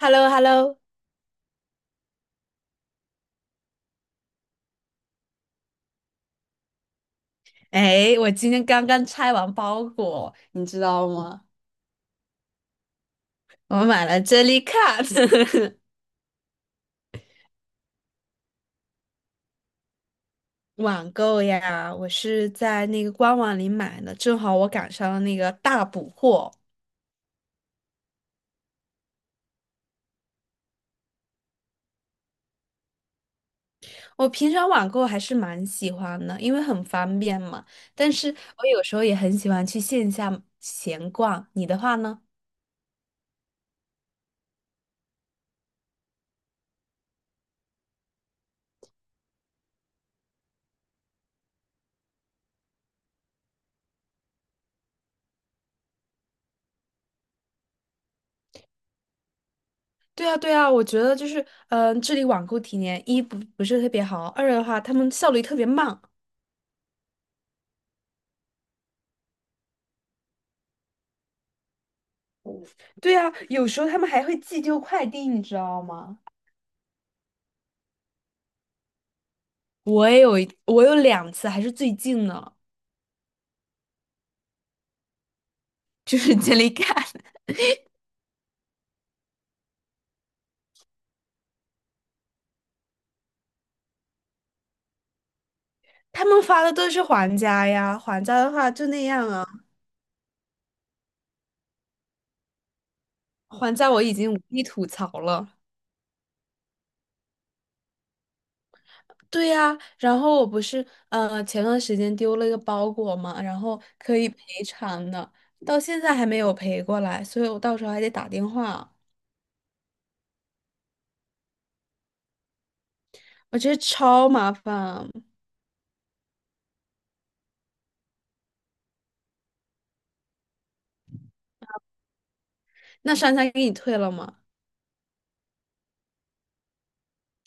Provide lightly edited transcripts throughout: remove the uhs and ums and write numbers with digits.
h e l l o h e l l o 哎，我今天刚刚拆完包裹，你知道吗？我买了 Jellycat。 网购呀，我是在那个官网里买的，正好我赶上了那个大补货。我平常网购还是蛮喜欢的，因为很方便嘛。但是我有时候也很喜欢去线下闲逛。你的话呢？对啊，对啊，我觉得就是，这里网购体验一不是特别好，二的话他们效率特别慢。对啊，有时候他们还会寄丢快递，你知道吗？我有两次，还是最近呢，就是接里干。他们发的都是还价呀，还价的话就那样啊。还价我已经无力吐槽了。对呀，然后我不是前段时间丢了一个包裹嘛，然后可以赔偿的，到现在还没有赔过来，所以我到时候还得打电话，我觉得超麻烦。那商家给你退了吗？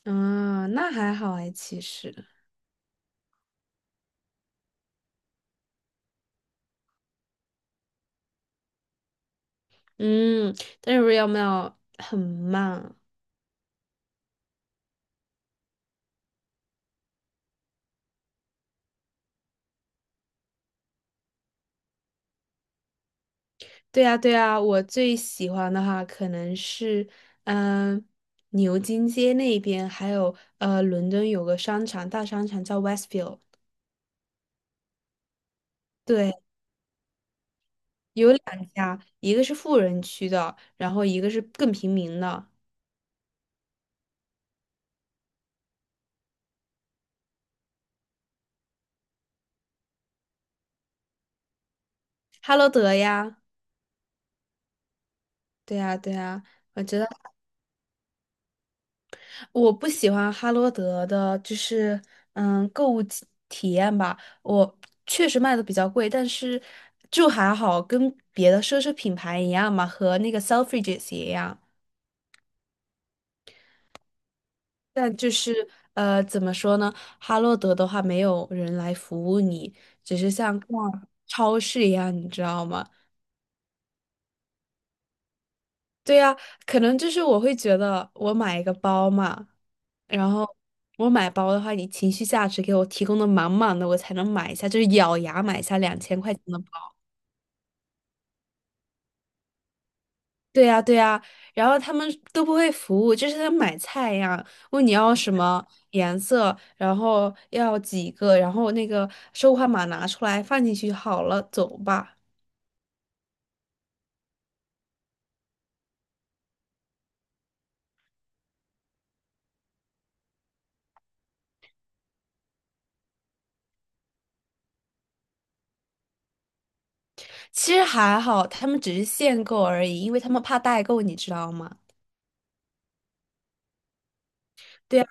啊，那还好哎，其实。嗯，但是有没有很慢？对呀，对呀，我最喜欢的哈可能是，嗯、牛津街那边，还有伦敦有个商场，大商场叫 Westfield。对呀，一个是富人区的，然后一个是更平民的，哈罗德呀。对呀，对呀，我知道我不喜欢哈罗德的，就是购物体验吧。我确实卖的比较贵，但是就还好，跟别的奢侈品牌一样嘛，和那个 Selfridges 也一样。但就是怎么说呢？哈罗德的话，没有人来服务你，只是像逛超市一样，你知道吗？对呀，可能就是我会觉得我买一个包嘛，然后我买包的话，你情绪价值给我提供的满满的，我才能买一下，就是咬牙买下2000块钱的包。对呀，对呀，然后他们都不会服务，就是像买菜一样，问你要什么颜色，然后要几个，然后那个收款码拿出来放进去好了，走吧。其实还好，他们只是限购而已，因为他们怕代购，你知道吗？对啊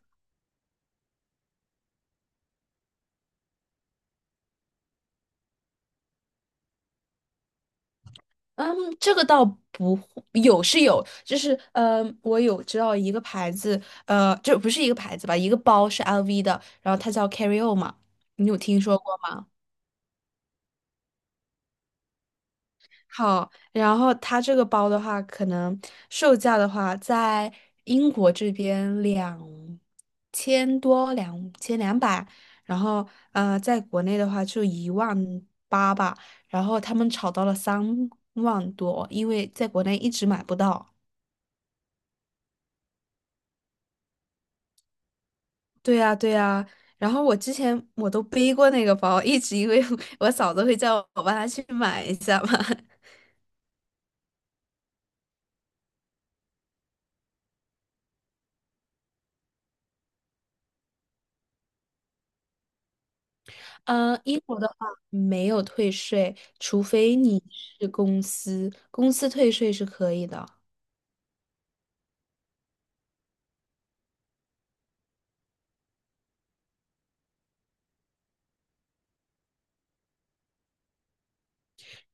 嗯，这个倒不会有是有，就是我有知道一个牌子，这不是一个牌子吧，一个包是 LV 的，然后它叫 Carry On 嘛，你有听说过吗？好，然后它这个包的话，可能售价的话，在英国这边2000多，2200，然后在国内的话就1.8万吧，然后他们炒到了3万多，因为在国内一直买不到。对呀，对呀。然后我之前我都背过那个包，一直因为 我嫂子会叫我帮她去买一下嘛。嗯，英国的话没有退税，除非你是公司，公司退税是可以的。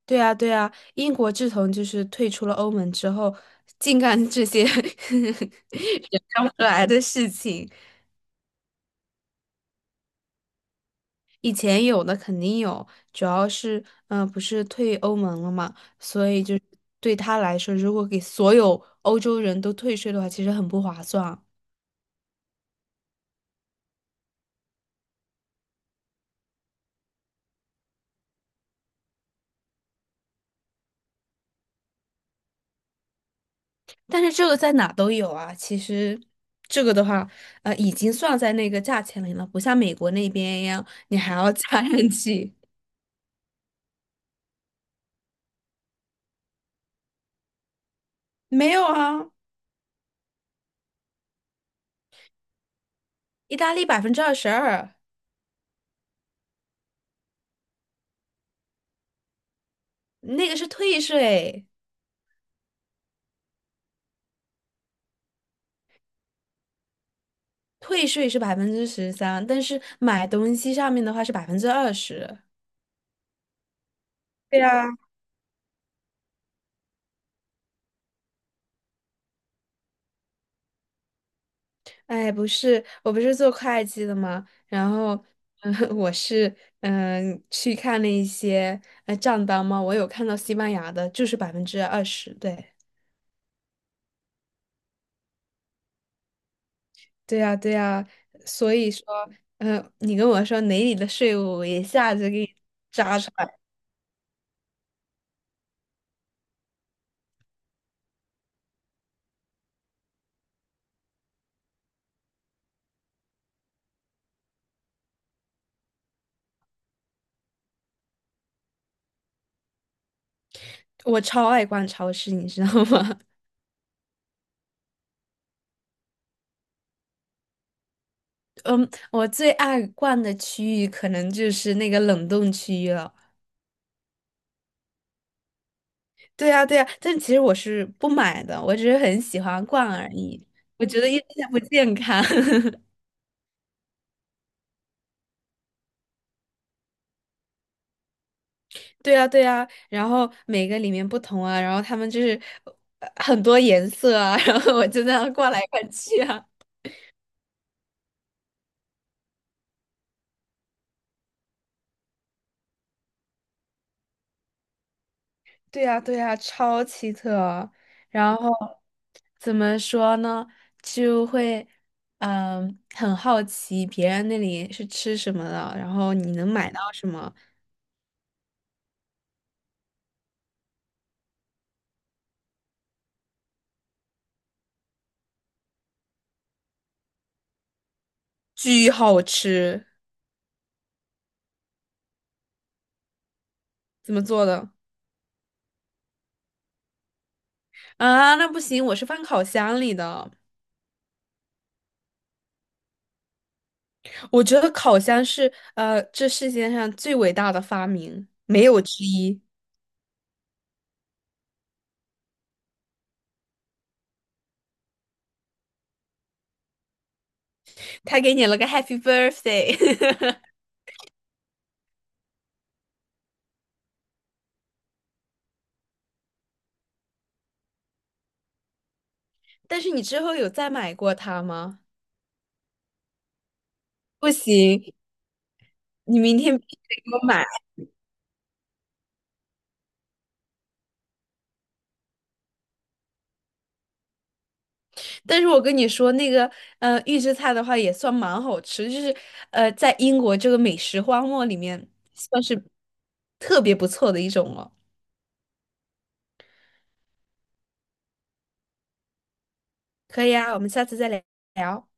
对呀对呀，英国自从就是退出了欧盟之后，净干这些 人干不出来的事情。以前有的肯定有，主要是不是退欧盟了嘛，所以就对他来说，如果给所有欧洲人都退税的话，其实很不划算啊。但是这个在哪都有啊，其实这个的话，已经算在那个价钱里了，不像美国那边一样，你还要 加上去。没有啊，意大利22%，那个是退税，退税是13%，但是买东西上面的话是百分之二十。对呀。哎，不是，我不是做会计的嘛，然后，嗯，我是去看了一些账单嘛，我有看到西班牙的，就是百分之二十，对，对呀，对呀，所以说，你跟我说哪里的税务，我一下子给你。我超爱逛超市，你知道吗？嗯，我最爱逛的区域可能就是那个冷冻区域了。对呀，对呀，但其实我是不买的，我只是很喜欢逛而已。我觉得一点也不健康。对啊，对啊，然后每个里面不同啊，然后他们就是很多颜色啊，然后我就那样逛来逛去啊。对呀，对呀，超奇特哦。然后怎么说呢？就会很好奇别人那里是吃什么的，然后你能买到什么，巨好吃。怎么做的？啊，那不行，我是放烤箱里的。我觉得烤箱是这世界上最伟大的发明，没有之一。他给你了个 Happy Birthday。但是你之后有再买过它吗？不行，你明天必须得给我买。但是我跟你说，那个预制菜的话也算蛮好吃，就是在英国这个美食荒漠里面算是特别不错的一种了。可以啊，我们下次再聊。